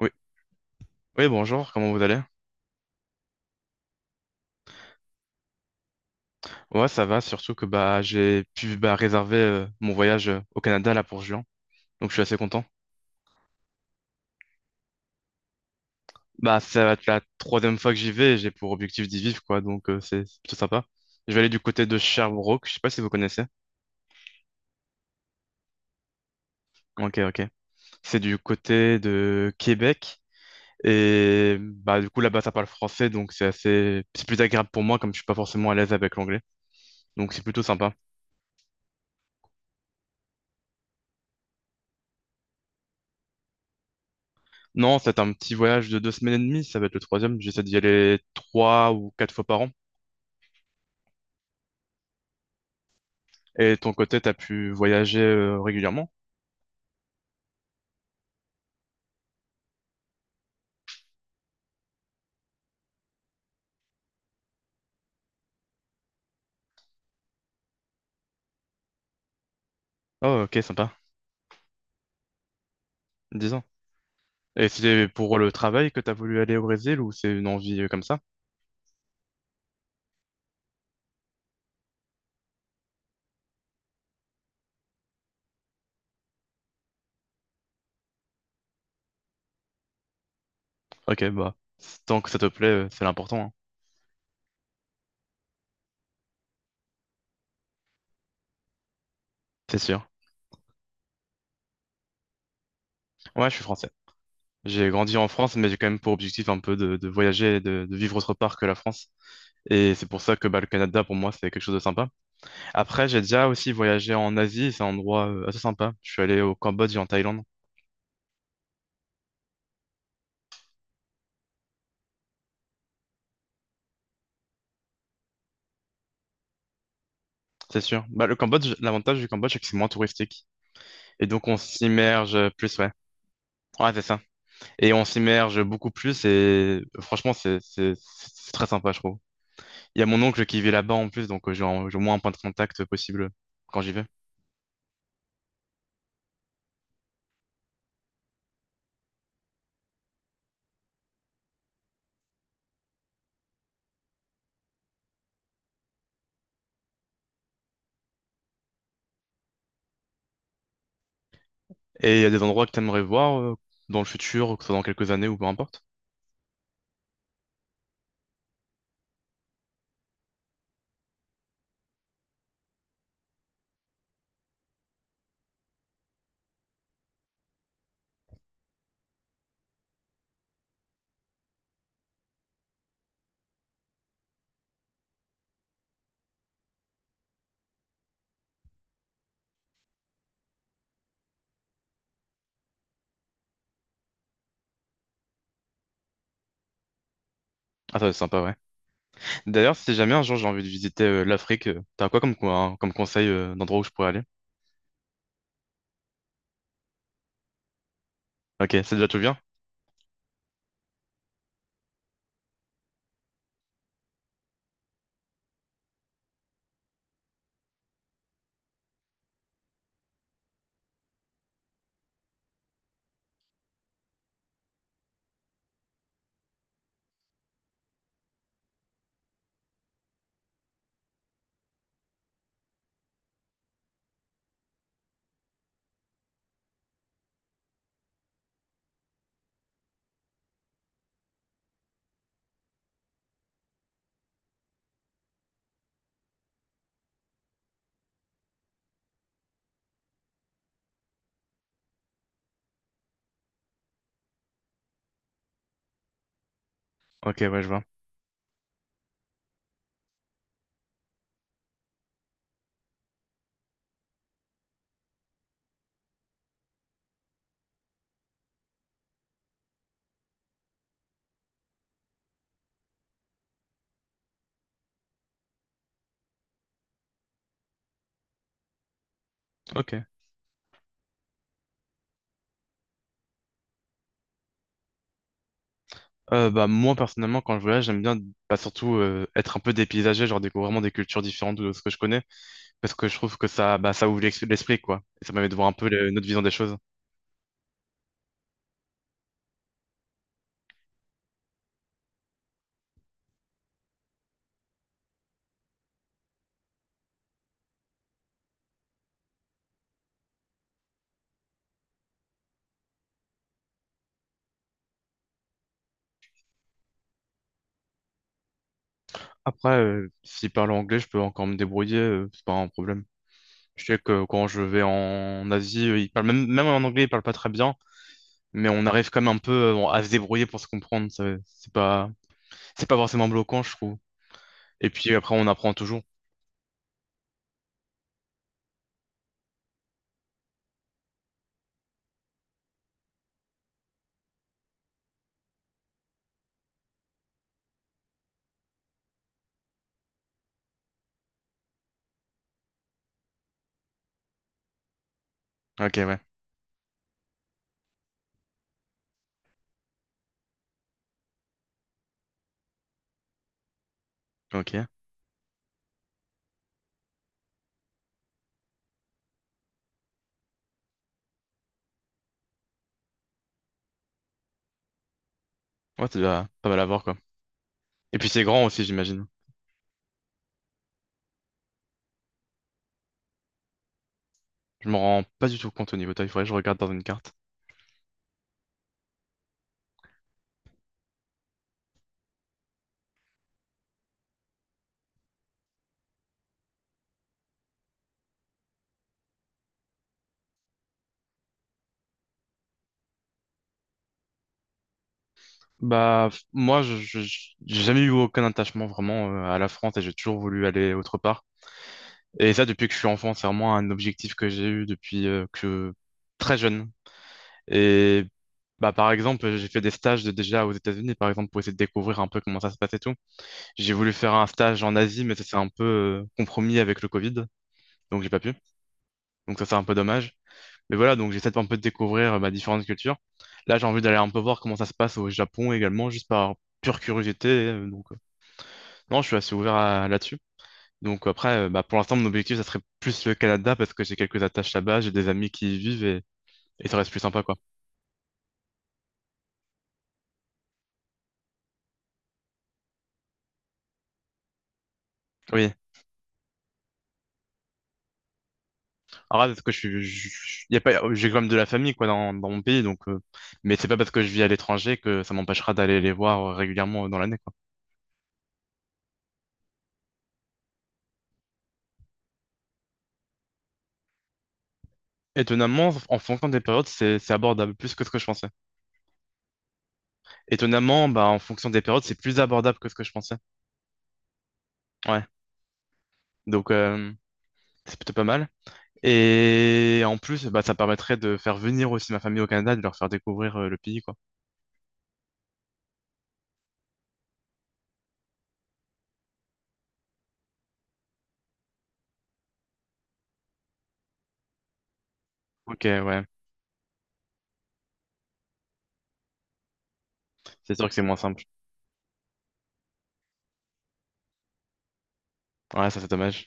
Oui, oui, bonjour, comment vous allez? Ouais, ça va, surtout que bah j'ai pu bah, réserver mon voyage au Canada là pour juin. Donc je suis assez content. Bah ça va être la troisième fois que j'y vais et j'ai pour objectif d'y vivre quoi, donc c'est plutôt sympa. Je vais aller du côté de Sherbrooke, je sais pas si vous connaissez. Ok, ok. C'est du côté de Québec. Et bah du coup là-bas ça parle français, donc c'est plus agréable pour moi comme je suis pas forcément à l'aise avec l'anglais. Donc c'est plutôt sympa. Non, c'est un petit voyage de 2 semaines et demie, ça va être le troisième. J'essaie d'y aller 3 ou 4 fois par an. Et de ton côté, t'as pu voyager régulièrement? Oh, ok, sympa. 10 ans. Et c'est pour le travail que t'as voulu aller au Brésil ou c'est une envie comme ça? Ok, bah, tant que ça te plaît, c'est l'important, hein. C'est sûr. Ouais, je suis français. J'ai grandi en France, mais j'ai quand même pour objectif un peu de voyager et de vivre autre part que la France. Et c'est pour ça que bah, le Canada, pour moi, c'est quelque chose de sympa. Après, j'ai déjà aussi voyagé en Asie, et c'est un endroit assez sympa. Je suis allé au Cambodge et en Thaïlande, c'est sûr. Bah, le Cambodge, l'avantage du Cambodge, c'est que c'est moins touristique. Et donc, on s'immerge plus, ouais. Ouais, c'est ça. Et on s'immerge beaucoup plus, et franchement, c'est très sympa, je trouve. Il y a mon oncle qui vit là-bas en plus, donc j'ai au moins un point de contact possible quand j'y vais. Et il y a des endroits que t'aimerais voir dans le futur, que ce soit dans quelques années ou peu importe. Ah, ça va être sympa, ouais. D'ailleurs, si jamais un jour j'ai envie de visiter l'Afrique, t'as quoi hein, comme conseil d'endroit où je pourrais aller? Ok, c'est déjà tout bien? Ok, ouais, je vois. Ok. Bah, moi, personnellement, quand je voyage, j'aime bien bah, surtout être un peu dépaysagé, genre découvrir vraiment des cultures différentes de ce que je connais. Parce que je trouve que ça, bah, ça ouvre l'esprit, quoi. Et ça permet de voir un peu notre vision des choses. Après, si parle anglais, je peux encore me débrouiller, c'est pas un problème. Je sais que quand je vais en Asie, ils parlent même en anglais, ils parlent pas très bien, mais on arrive quand même un peu à se débrouiller pour se comprendre. C'est pas forcément bloquant, je trouve. Et puis après, on apprend toujours. Ok, ouais. Ok. Ouais, tu dois pas mal à voir quoi. Et puis c'est grand aussi, j'imagine. Je m'en rends pas du tout compte au niveau taille. Faudrait que je regarde dans une carte. Bah, moi, j'ai jamais eu aucun attachement vraiment à la France et j'ai toujours voulu aller autre part. Et ça, depuis que je suis enfant, c'est vraiment un objectif que j'ai eu depuis que très jeune. Et bah, par exemple, j'ai fait des stages déjà aux États-Unis, par exemple, pour essayer de découvrir un peu comment ça se passe et tout. J'ai voulu faire un stage en Asie, mais ça s'est un peu compromis avec le Covid, donc j'ai pas pu. Donc ça, c'est un peu dommage. Mais voilà, donc j'essaie de un peu de découvrir bah, différentes cultures. Là, j'ai envie d'aller un peu voir comment ça se passe au Japon également, juste par pure curiosité. Donc non, je suis assez ouvert là-dessus. Donc après, bah, pour l'instant, mon objectif, ça serait plus le Canada parce que j'ai quelques attaches là-bas, j'ai des amis qui y vivent et ça reste plus sympa, quoi. Oui. Alors là, parce que je suis, je- y a pas, j'ai quand même de la famille, quoi, dans mon pays, donc, mais c'est pas parce que je vis à l'étranger que ça m'empêchera d'aller les voir régulièrement dans l'année, quoi. Étonnamment, en fonction des périodes, c'est abordable plus que ce que je pensais. Étonnamment, bah, en fonction des périodes, c'est plus abordable que ce que je pensais. Ouais. Donc, c'est plutôt pas mal. Et en plus, bah, ça permettrait de faire venir aussi ma famille au Canada, de leur faire découvrir le pays, quoi. Ok, ouais. C'est sûr que c'est moins simple. Ouais, ça, c'est dommage.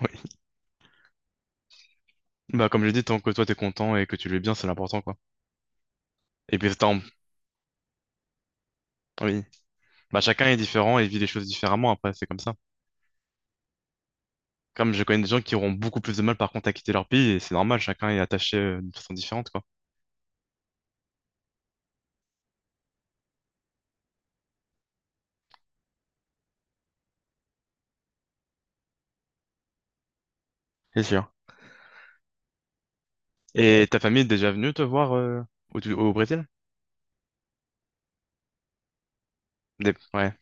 Oui. Bah, comme je l'ai dit, tant que toi, t'es content et que tu le vis bien, c'est l'important, quoi. Et puis, tant. Oui. Bah, chacun est différent et vit les choses différemment après, c'est comme ça. Comme je connais des gens qui auront beaucoup plus de mal, par contre, à quitter leur pays, et c'est normal, chacun est attaché d'une façon différente, quoi. C'est sûr. Et ta famille est déjà venue te voir au Brésil? Ouais.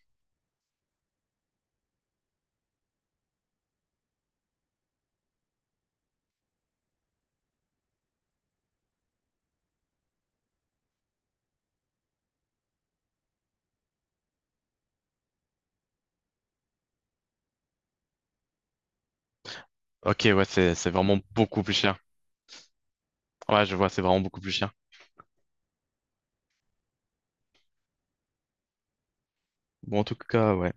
Ok, ouais, c'est vraiment beaucoup plus cher. Ouais, je vois, c'est vraiment beaucoup plus cher. Bon, en tout cas, ouais.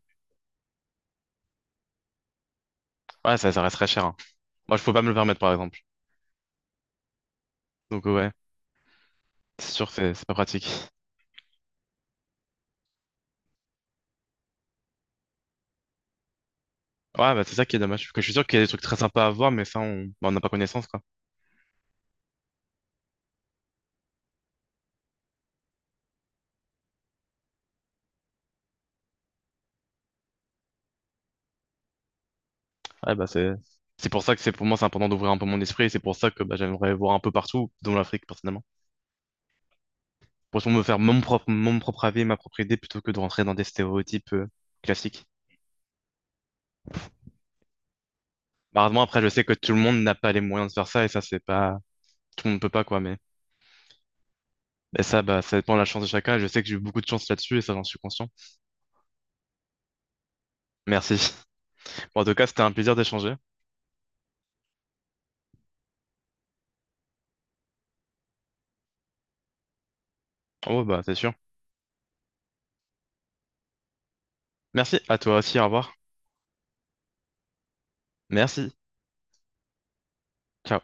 Ouais, ça resterait cher, hein. Moi, je peux pas me le permettre, par exemple. Donc, ouais, c'est sûr que c'est pas pratique. Ouais, bah, c'est ça qui est dommage. Parce que je suis sûr qu'il y a des trucs très sympas à voir, mais ça, on bah, on n'a pas connaissance, quoi. Ouais, bah, c'est pour ça que c'est pour moi, c'est important d'ouvrir un peu mon esprit. Et c'est pour ça que bah, j'aimerais voir un peu partout, dont l'Afrique, personnellement. Pour me faire mon propre avis, ma propre idée, plutôt que de rentrer dans des stéréotypes classiques. Malheureusement, après, je sais que tout le monde n'a pas les moyens de faire ça, et ça, c'est pas. Tout le monde ne peut pas, quoi, mais. Et ça, bah, ça dépend de la chance de chacun. Et je sais que j'ai eu beaucoup de chance là-dessus et ça, j'en suis conscient. Merci. Bon, en tout cas, c'était un plaisir d'échanger. Oh, bah, c'est sûr. Merci à toi aussi. Au revoir. Merci. Ciao.